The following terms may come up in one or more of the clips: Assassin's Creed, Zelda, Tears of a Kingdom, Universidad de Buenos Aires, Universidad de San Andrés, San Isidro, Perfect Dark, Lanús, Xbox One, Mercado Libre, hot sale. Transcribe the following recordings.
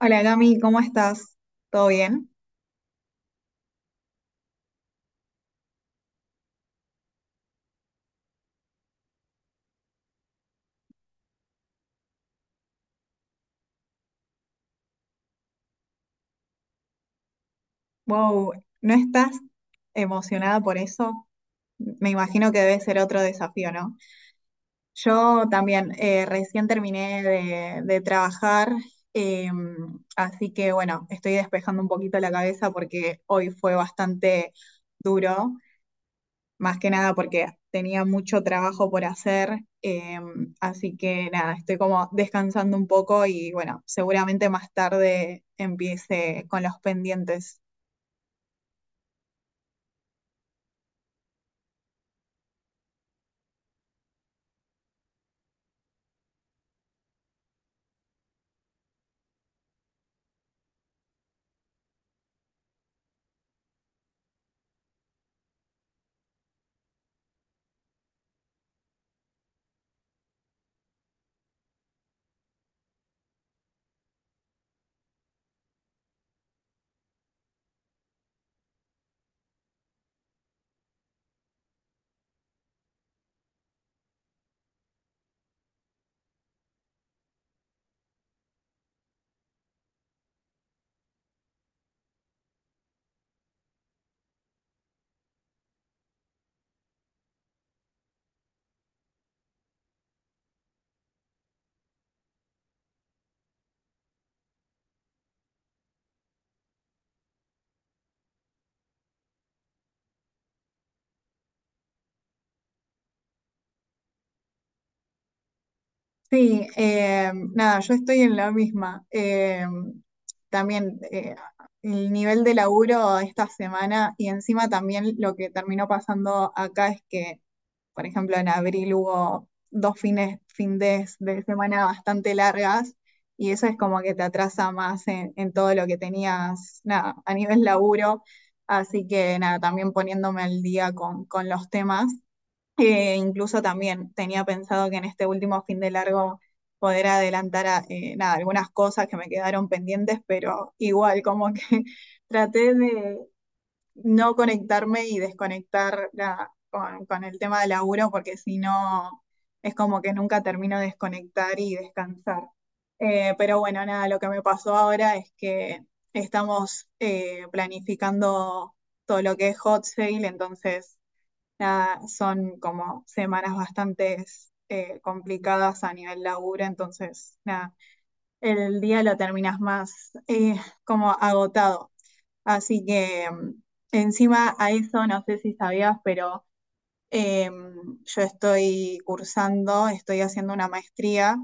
Hola, Cami, ¿cómo estás? ¿Todo bien? Wow, ¿no estás emocionada por eso? Me imagino que debe ser otro desafío, ¿no? Yo también recién terminé de trabajar, eh, así que bueno, estoy despejando un poquito la cabeza porque hoy fue bastante duro. Más que nada porque tenía mucho trabajo por hacer, así que nada, estoy como descansando un poco y bueno, seguramente más tarde empiece con los pendientes. Sí, nada, yo estoy en la misma. También el nivel de laburo esta semana y encima también lo que terminó pasando acá es que, por ejemplo, en abril hubo dos fin de semana bastante largas y eso es como que te atrasa más en todo lo que tenías, nada, a nivel laburo. Así que nada, también poniéndome al día con los temas. Incluso también tenía pensado que en este último fin de largo poder adelantar nada, algunas cosas que me quedaron pendientes, pero igual como que traté de no conectarme y desconectar con el tema de laburo, porque si no, es como que nunca termino de desconectar y descansar. Pero bueno, nada, lo que me pasó ahora es que estamos planificando todo lo que es hot sale, entonces nada, son como semanas bastante complicadas a nivel laburo, entonces nada, el día lo terminas más como agotado. Así que encima a eso, no sé si sabías, pero yo estoy cursando, estoy haciendo una maestría,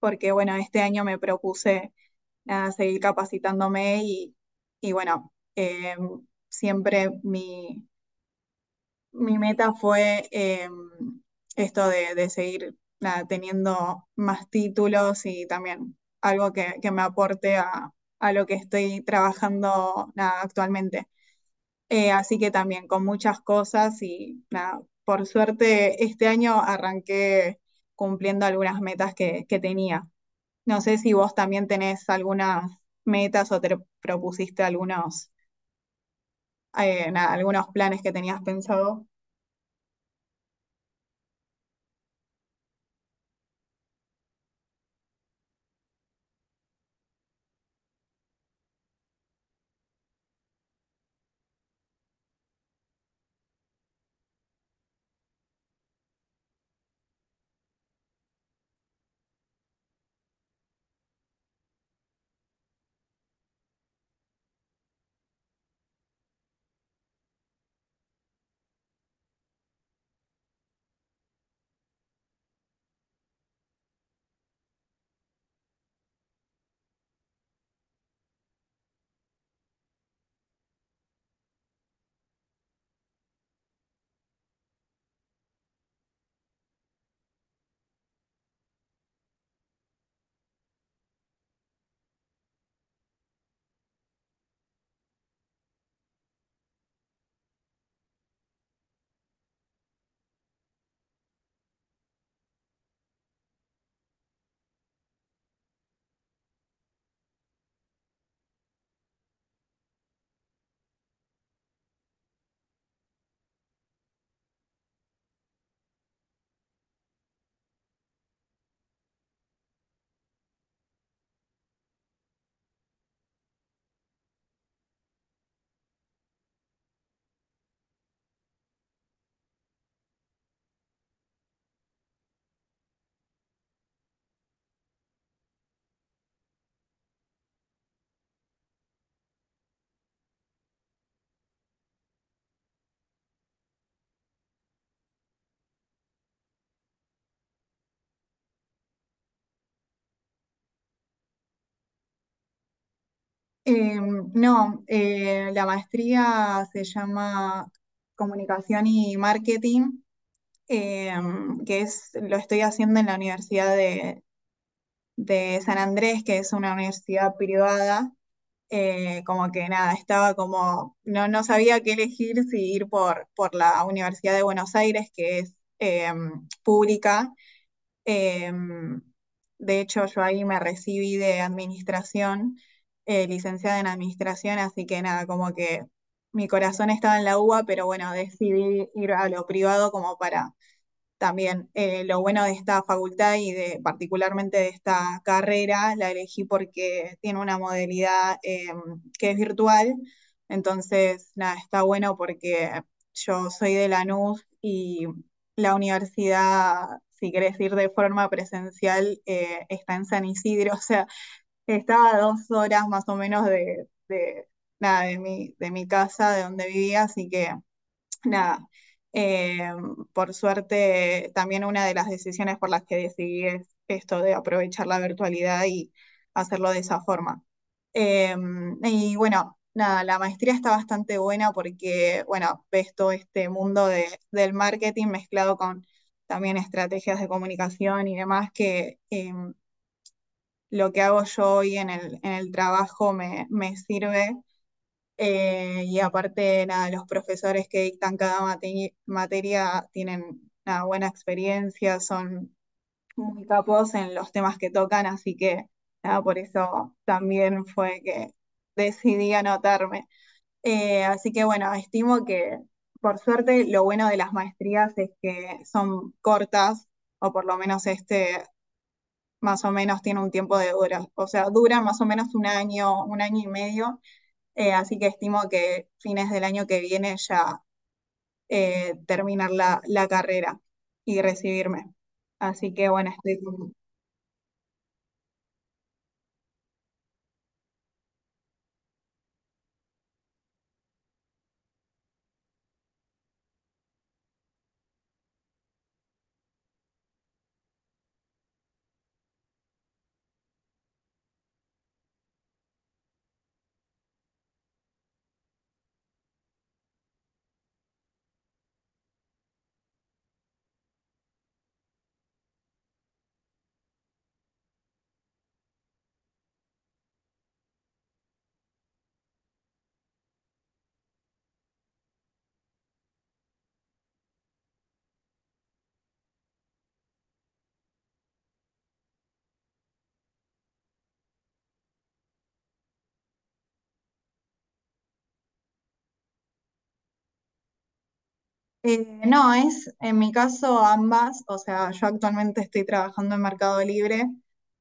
porque bueno, este año me propuse, nada, seguir capacitándome y bueno, siempre mi meta fue, esto de seguir, nada, teniendo más títulos y también algo que me aporte a lo que estoy trabajando, nada, actualmente. Así que también con muchas cosas y nada, por suerte este año arranqué cumpliendo algunas metas que tenía. No sé si vos también tenés algunas metas o te propusiste algunos, nada, algunos planes que tenías pensado. Eh, no, la maestría se llama Comunicación y Marketing, eh, que es, lo estoy haciendo en la Universidad de San Andrés, que es una universidad privada. Como que nada, estaba como, no, no sabía qué elegir, si ir por la Universidad de Buenos Aires, que es pública. Eh, de hecho, yo ahí me recibí de administración, licenciada en administración, así que nada, como que mi corazón estaba en la UBA, pero bueno, decidí ir a lo privado como para también lo bueno de esta facultad y de particularmente de esta carrera, la elegí porque tiene una modalidad que es virtual, entonces nada, está bueno porque yo soy de Lanús y la universidad, si querés ir de forma presencial, está en San Isidro, o sea, estaba a dos horas más o menos de nada, de mi casa, de donde vivía, así que nada, eh, por suerte también una de las decisiones por las que decidí es esto de aprovechar la virtualidad y hacerlo de esa forma. Eh, y bueno, nada, la maestría está bastante buena porque, bueno, ves todo este mundo de, del marketing mezclado con también estrategias de comunicación y demás que, lo que hago yo hoy en en el trabajo me sirve. Y aparte, nada, los profesores que dictan cada materia tienen una buena experiencia, son muy capos en los temas que tocan, así que nada, por eso también fue que decidí anotarme. Así que bueno, estimo que, por suerte, lo bueno de las maestrías es que son cortas, o por lo menos este más o menos tiene un tiempo de dura, o sea, dura más o menos un año y medio. Así que estimo que fines del año que viene ya, terminar la carrera y recibirme. Así que bueno, estoy como- no, es en mi caso ambas, o sea, yo actualmente estoy trabajando en Mercado Libre.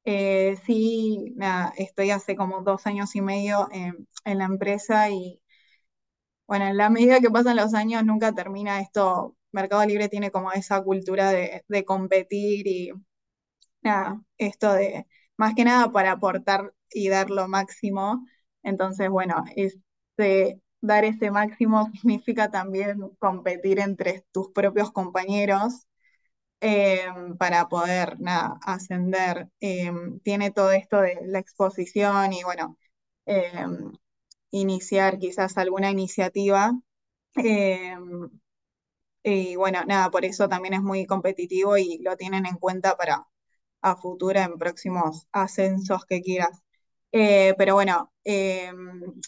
Sí, nada, estoy hace como dos años y medio en la empresa y bueno, en la medida que pasan los años nunca termina esto. Mercado Libre tiene como esa cultura de competir y nada, esto de, más que nada, para aportar y dar lo máximo. Entonces, bueno, este, dar ese máximo significa también competir entre tus propios compañeros, eh, para poder, nada, ascender. Tiene todo esto de la exposición y bueno, eh, iniciar quizás alguna iniciativa. eh, y bueno, nada, por eso también es muy competitivo y lo tienen en cuenta para a futuro en próximos ascensos que quieras. Pero bueno,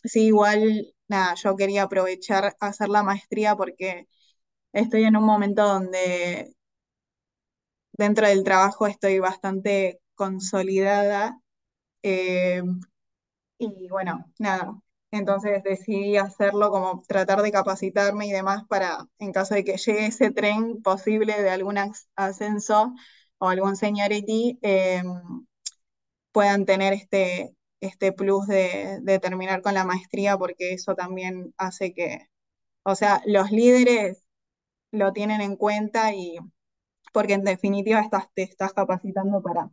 sí, igual, nada, yo quería aprovechar hacer la maestría porque estoy en un momento donde dentro del trabajo estoy bastante consolidada. eh, y bueno, nada. Entonces decidí hacerlo como tratar de capacitarme y demás para, en caso de que llegue ese tren posible de algún ascenso o algún seniority, puedan tener este plus de terminar con la maestría, porque eso también hace que, o sea, los líderes lo tienen en cuenta, y porque en definitiva estás, te estás capacitando para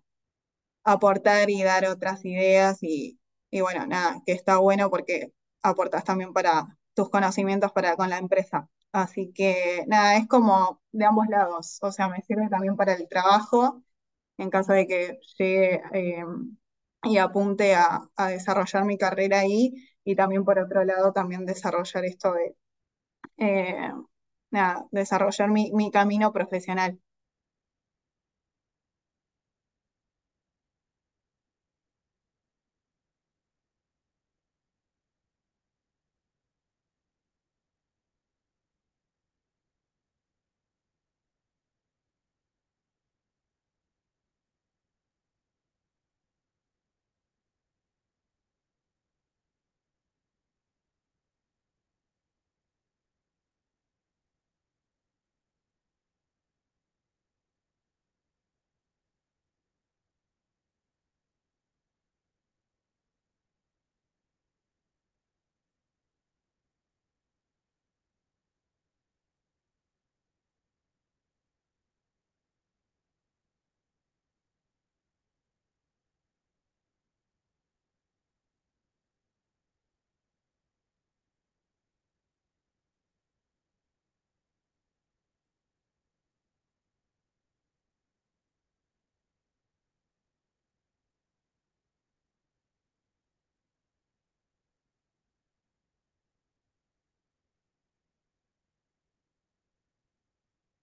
aportar y dar otras ideas y bueno, nada, que está bueno porque aportas también para tus conocimientos para con la empresa. Así que nada, es como de ambos lados, o sea, me sirve también para el trabajo en caso de que llegue, y apunte a desarrollar mi carrera ahí, y también por otro lado también desarrollar esto de, eh, nada, desarrollar mi camino profesional.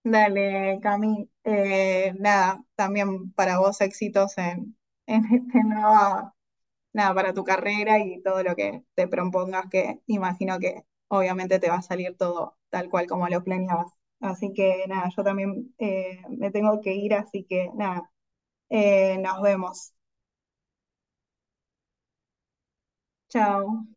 Dale, Cami. Nada, también para vos éxitos en, en este nuevo, nada, para tu carrera y todo lo que te propongas, que imagino que obviamente te va a salir todo tal cual como lo planeabas. Así que nada, yo también me tengo que ir, así que nada, nos vemos. Chao.